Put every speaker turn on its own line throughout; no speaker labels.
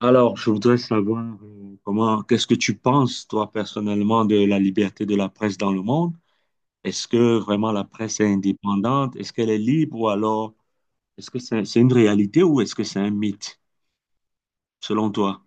Alors, je voudrais savoir comment, qu'est-ce que tu penses, toi, personnellement, de la liberté de la presse dans le monde? Est-ce que vraiment la presse est indépendante? Est-ce qu'elle est libre ou alors est-ce que c'est une réalité ou est-ce que c'est un mythe, selon toi?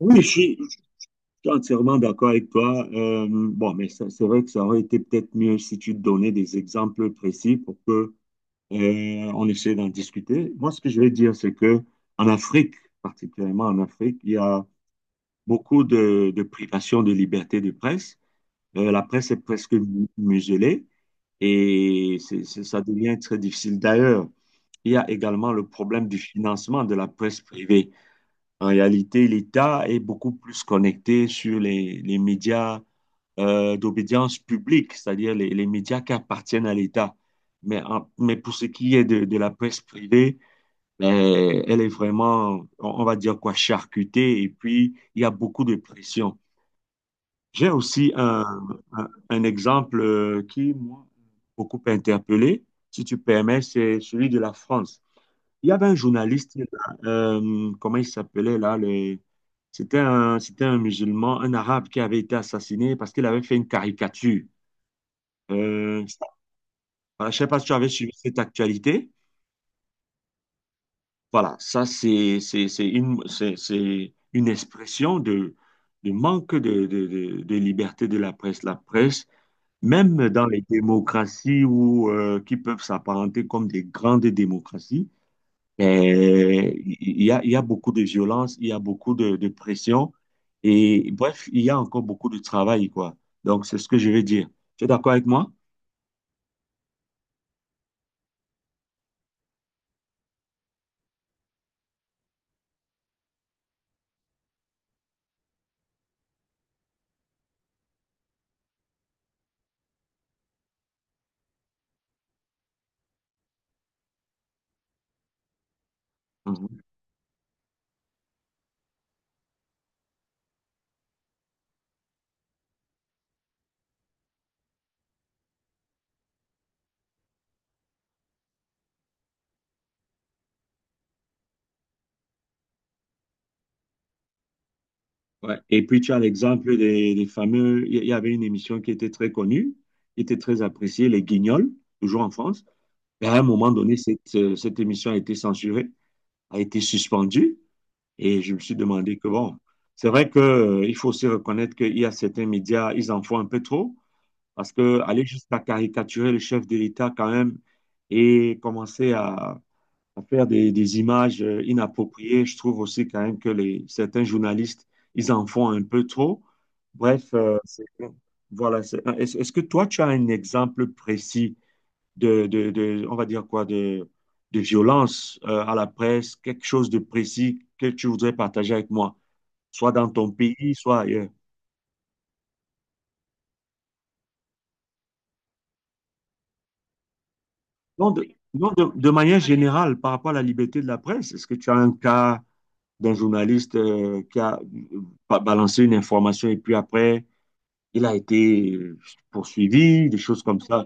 Oui, je suis, je suis entièrement d'accord avec toi. Bon, mais c'est vrai que ça aurait été peut-être mieux si tu donnais des exemples précis pour que on essaie d'en discuter. Moi, ce que je vais dire, c'est que en Afrique, particulièrement en Afrique, il y a beaucoup de privation de liberté de presse. La presse est presque muselée et ça devient très difficile. D'ailleurs, il y a également le problème du financement de la presse privée. En réalité, l'État est beaucoup plus connecté sur les médias d'obédience publique, c'est-à-dire les médias qui appartiennent à l'État. Mais, mais pour ce qui est de la presse privée, elle est vraiment, on va dire quoi, charcutée. Et puis, il y a beaucoup de pression. J'ai aussi un- Un exemple qui moi beaucoup interpellé, si tu permets, c'est celui de la France. Il y avait un journaliste, là, comment il s'appelait là, c'était c'était un musulman, un arabe qui avait été assassiné parce qu'il avait fait une caricature. Je ne sais pas si tu avais suivi cette actualité. Voilà, ça c'est c'est une expression de manque de liberté de la presse. La presse même dans les démocraties où, qui peuvent s'apparenter comme des grandes démocraties, eh, il y a beaucoup de violence, il y a beaucoup de pression et bref, il y a encore beaucoup de travail, quoi. Donc, c'est ce que je veux dire. Tu es d'accord avec moi? Mhm. Ouais. Et puis, tu as l'exemple des fameux. Il y avait une émission qui était très connue, qui était très appréciée, Les Guignols, toujours en France. Et à un moment donné, cette émission a été censurée, a été suspendue. Et je me suis demandé que, bon, c'est vrai qu'il il faut aussi reconnaître qu'il y a certains médias, ils en font un peu trop, parce que aller jusqu'à caricaturer le chef de l'État quand même et commencer à faire des images inappropriées, je trouve aussi quand même que les, certains journalistes, ils en font un peu trop. Bref, Est-ce que toi, tu as un exemple précis on va dire quoi, de violence à la presse, quelque chose de précis que tu voudrais partager avec moi, soit dans ton pays, soit ailleurs. Non, de, non, de manière générale, par rapport à la liberté de la presse, est-ce que tu as un cas d'un journaliste qui a balancé une information et puis après, il a été poursuivi, des choses comme ça?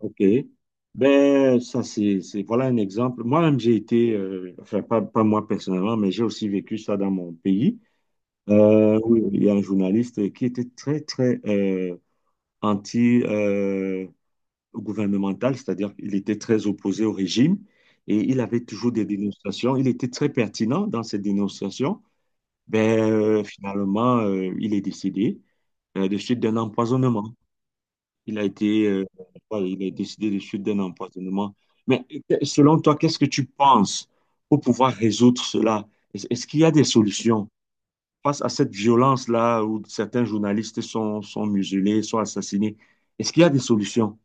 OK. Ben, ça, voilà un exemple. Moi-même, j'ai été, enfin, pas moi personnellement, mais j'ai aussi vécu ça dans mon pays. Oui, il y a un journaliste qui était très anti-gouvernemental, c'est-à-dire qu'il était très opposé au régime et il avait toujours des dénonciations. Il était très pertinent dans ses dénonciations. Ben, il est décédé de suite d'un empoisonnement. Il a été, voilà, il est décédé de suite d'un empoisonnement. Mais selon toi, qu'est-ce que tu penses pour pouvoir résoudre cela? Est-ce qu'il y a des solutions? Face à cette violence-là où certains journalistes sont muselés, sont assassinés, est-ce qu'il y a des solutions?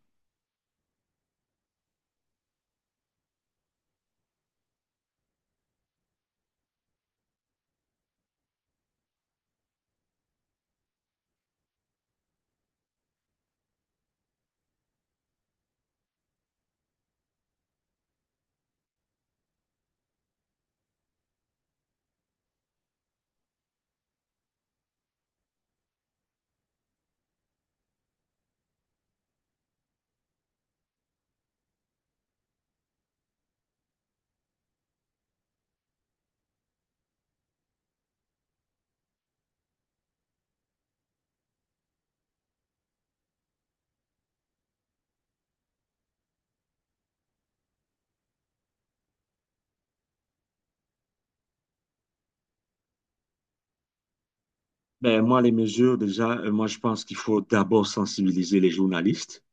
Ben, moi, les mesures, déjà, je pense qu'il faut d'abord sensibiliser les journalistes.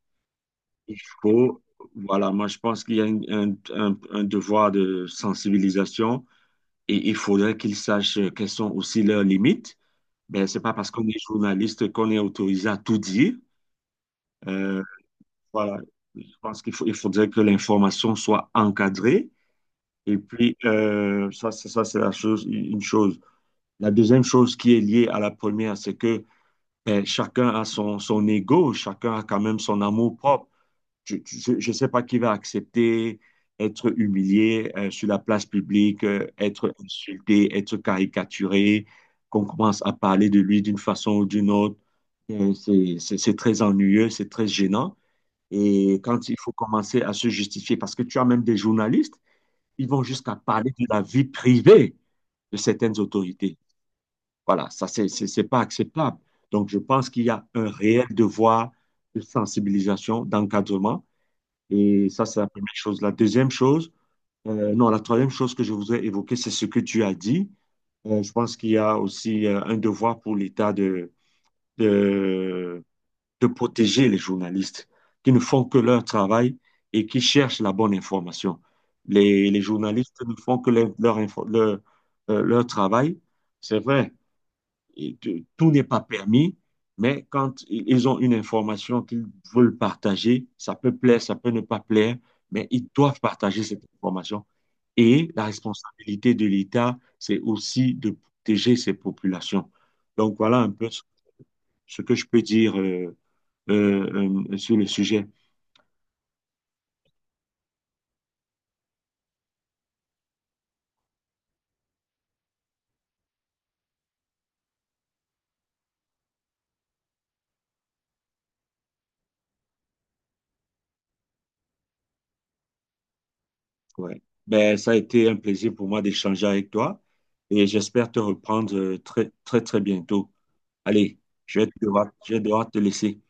Il faut, voilà, moi, je pense qu'il y a un devoir de sensibilisation et il faudrait qu'ils sachent quelles sont aussi leurs limites. Ben, c'est pas parce qu'on est journaliste qu'on est autorisé à tout dire. Euh, voilà, je pense il faudrait que l'information soit encadrée. Et puis, ça, ça, c'est la chose, une chose. La deuxième chose qui est liée à la première, c'est que ben, chacun a son ego, chacun a quand même son amour-propre. Je ne sais pas qui va accepter être humilié sur la place publique, être insulté, être caricaturé, qu'on commence à parler de lui d'une façon ou d'une autre. C'est très ennuyeux, c'est très gênant. Et quand il faut commencer à se justifier, parce que tu as même des journalistes ils vont jusqu'à parler de la vie privée de certaines autorités. Voilà, ça, c'est pas acceptable. Donc, je pense qu'il y a un réel devoir de sensibilisation, d'encadrement. Et ça, c'est la première chose. La deuxième chose, non, la troisième chose que je voudrais évoquer, c'est ce que tu as dit. Je pense qu'il y a aussi un devoir pour l'État de, de protéger les journalistes qui ne font que leur travail et qui cherchent la bonne information. Les journalistes ne font que leur travail. C'est vrai, et tout n'est pas permis, mais quand ils ont une information qu'ils veulent partager, ça peut plaire, ça peut ne pas plaire, mais ils doivent partager cette information. Et la responsabilité de l'État, c'est aussi de protéger ces populations. Donc voilà un peu ce que je peux dire sur le sujet. Ouais. Ben, ça a été un plaisir pour moi d'échanger avec toi et j'espère te reprendre très bientôt. Allez, je vais devoir te laisser.